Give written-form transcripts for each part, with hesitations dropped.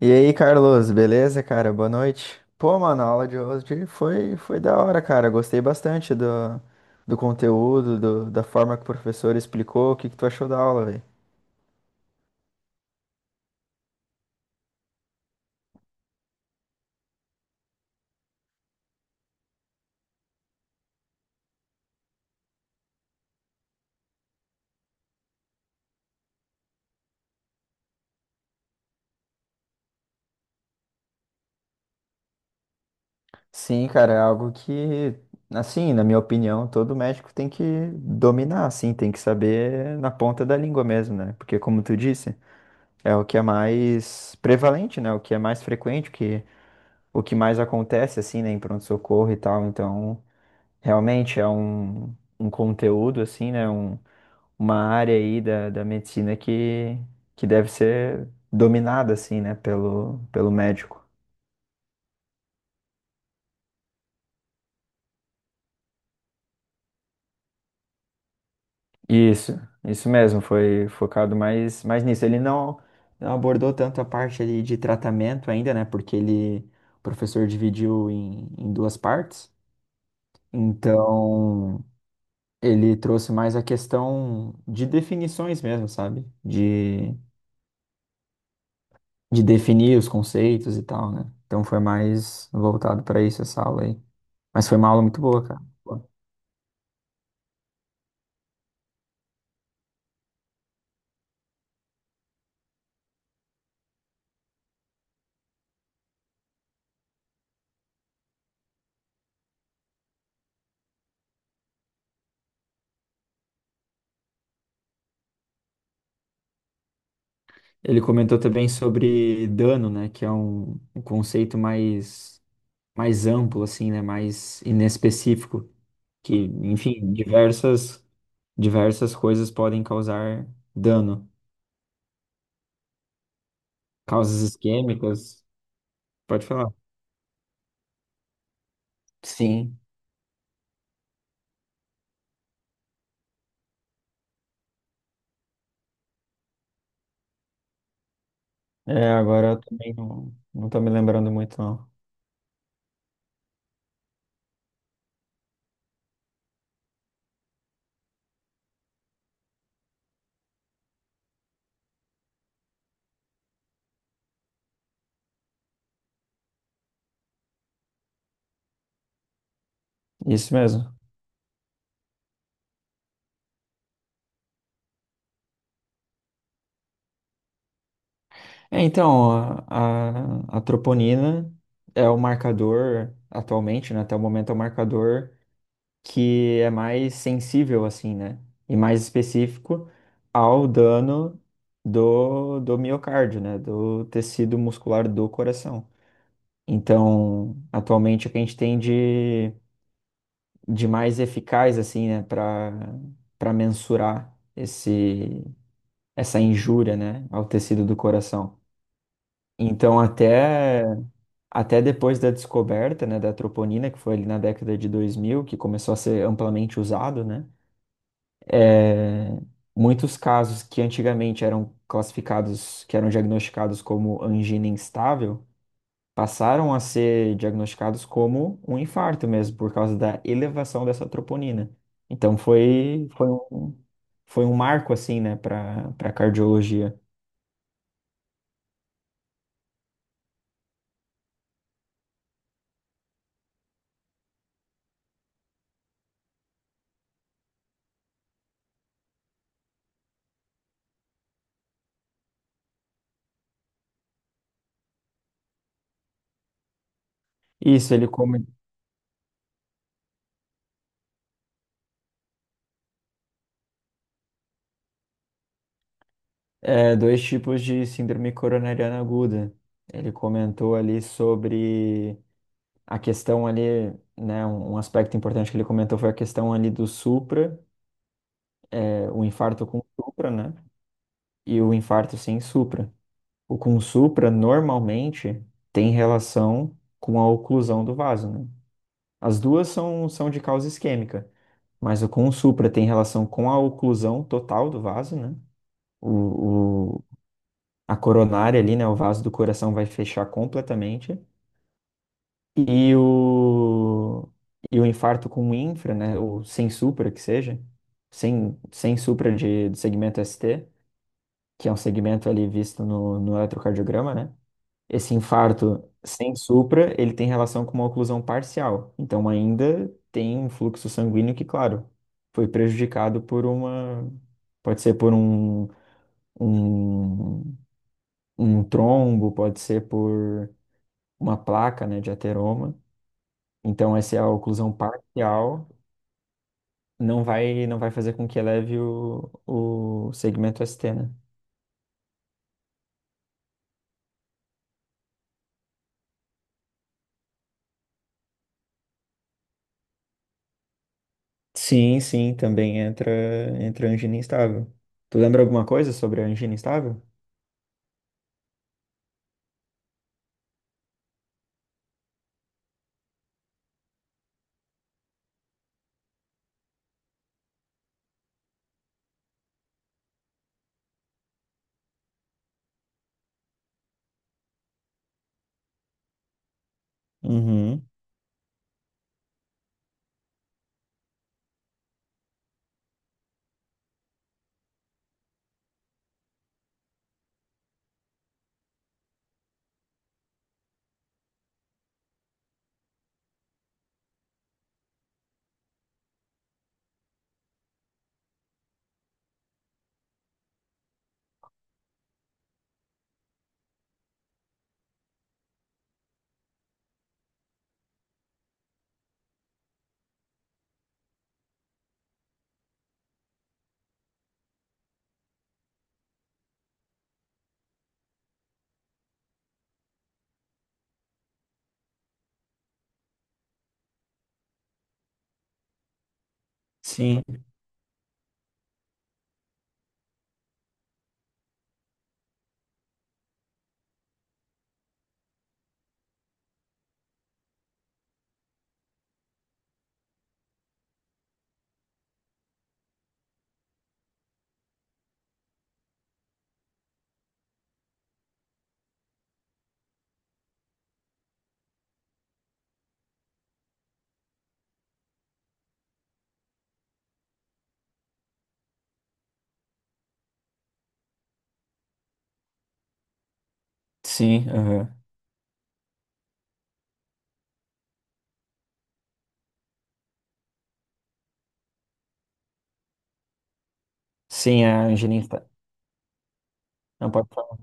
E aí, Carlos, beleza, cara? Boa noite. Pô, mano, a aula de hoje foi da hora, cara. Gostei bastante do conteúdo, da forma que o professor explicou. O que que tu achou da aula, velho? Sim, cara, é algo que, assim, na minha opinião, todo médico tem que dominar, assim, tem que saber na ponta da língua mesmo, né? Porque, como tu disse, é o que é mais prevalente, né? O que é mais frequente, o que mais acontece, assim, né, em pronto-socorro e tal. Então, realmente é um conteúdo, assim, né? Uma área aí da medicina que deve ser dominada, assim, né? Pelo médico. Isso, isso mesmo, foi focado mais nisso. Ele não abordou tanto a parte ali de tratamento ainda, né? Porque ele, o professor dividiu em duas partes. Então, ele trouxe mais a questão de definições mesmo, sabe? De definir os conceitos e tal, né? Então foi mais voltado para isso essa aula aí. Mas foi uma aula muito boa, cara. Ele comentou também sobre dano, né? Que é um conceito mais amplo, assim, né? Mais inespecífico. Que, enfim, diversas coisas podem causar dano. Causas isquêmicas, pode falar. Sim. É, agora eu também não tô me lembrando muito, não. Isso mesmo. É, então, a troponina é o marcador atualmente, né? Até o momento é o marcador que é mais sensível, assim, né? E mais específico ao dano do miocárdio, né? Do tecido muscular do coração. Então, atualmente, o que a gente tem de mais eficaz, assim, né? Para mensurar esse, essa injúria, né? Ao tecido do coração. Então, até depois da descoberta, né, da troponina, que foi ali na década de 2000 que começou a ser amplamente usado, né, é, muitos casos que antigamente eram classificados, que eram diagnosticados como angina instável, passaram a ser diagnosticados como um infarto mesmo, por causa da elevação dessa troponina. Então foi, foi um marco, assim, né, para cardiologia. Isso, dois tipos de síndrome coronariana aguda. Ele comentou ali sobre a questão ali, né? Um aspecto importante que ele comentou foi a questão ali do supra, o infarto com supra, né? E o infarto sem supra. O com supra normalmente tem relação com a oclusão do vaso, né? As duas são, de causa isquêmica, mas o com supra tem relação com a oclusão total do vaso, né? O, a coronária ali, né? O vaso do coração vai fechar completamente. E o, e o infarto com infra, né? Ou sem supra, que seja, sem supra do segmento ST, que é um segmento ali visto no eletrocardiograma, né? Esse infarto sem supra, ele tem relação com uma oclusão parcial. Então, ainda tem um fluxo sanguíneo que, claro, foi prejudicado por uma. Pode ser por um, um trombo, pode ser por uma placa, né, de ateroma. Então, essa é a oclusão parcial não vai fazer com que eleve o segmento ST, né? Sim, sim, também entra, angina instável. Tu lembra alguma coisa sobre a angina instável? Uhum. Sim, sim, aham. Sim, a angina instável. Não, pode falar.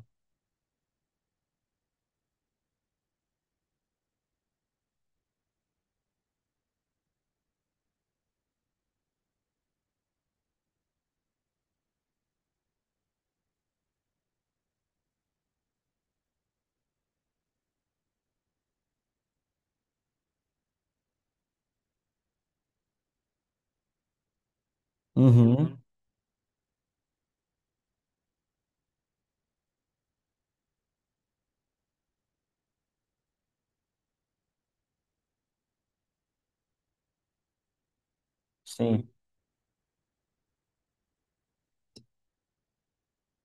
Uhum. Sim.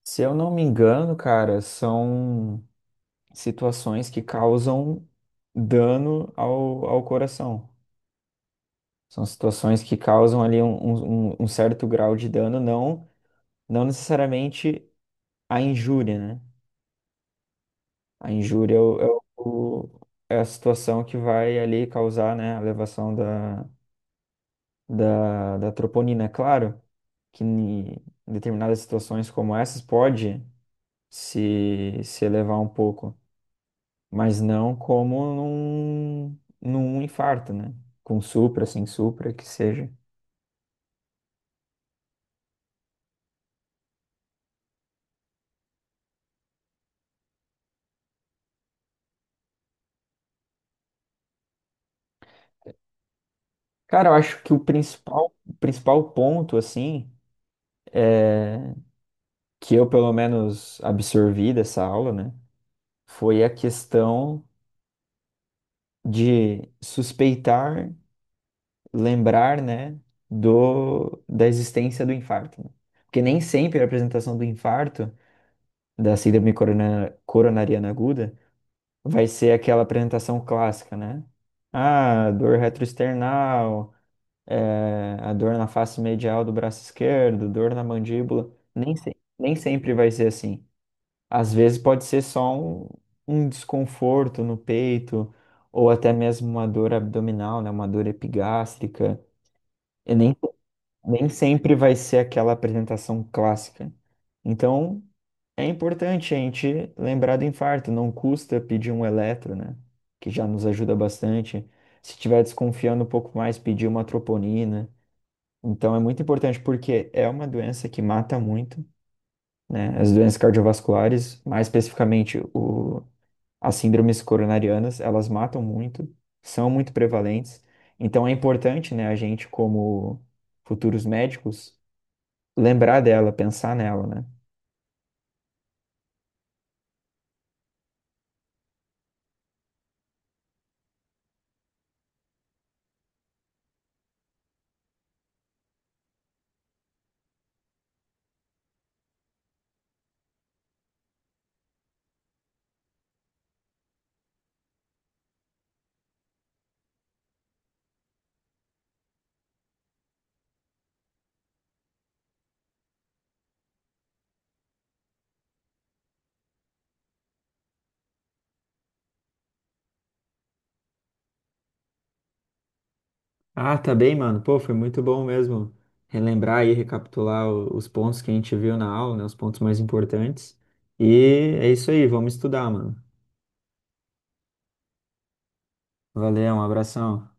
Se eu não me engano, cara, são situações que causam dano ao coração. São situações que causam ali um certo grau de dano, não necessariamente a injúria, né? A injúria é o- é a situação que vai ali causar, né, a elevação da troponina. É claro que em determinadas situações como essas pode se elevar um pouco, mas não como num infarto, né? Com supra, sem supra, que seja. Cara, eu acho que o principal ponto, assim, que eu pelo menos absorvi dessa aula, né, foi a questão de suspeitar, lembrar, né, da existência do infarto, né? Porque nem sempre a apresentação do infarto, da síndrome coronariana aguda, vai ser aquela apresentação clássica, né? Ah, dor retroesternal, a dor na face medial do braço esquerdo, dor na mandíbula. Nem sempre vai ser assim. Às vezes pode ser só um desconforto no peito, ou até mesmo uma dor abdominal, né? Uma dor epigástrica. E nem sempre vai ser aquela apresentação clássica. Então, é importante a gente lembrar do infarto. Não custa pedir um eletro, né? Que já nos ajuda bastante. Se estiver desconfiando um pouco mais, pedir uma troponina. Então é muito importante porque é uma doença que mata muito, né? As doenças cardiovasculares, mais especificamente as síndromes coronarianas, elas matam muito, são muito prevalentes. Então é importante, né, a gente como futuros médicos lembrar dela, pensar nela, né? Ah, tá bem, mano. Pô, foi muito bom mesmo relembrar e recapitular os pontos que a gente viu na aula, né? Os pontos mais importantes. E é isso aí, vamos estudar, mano. Valeu, um abração.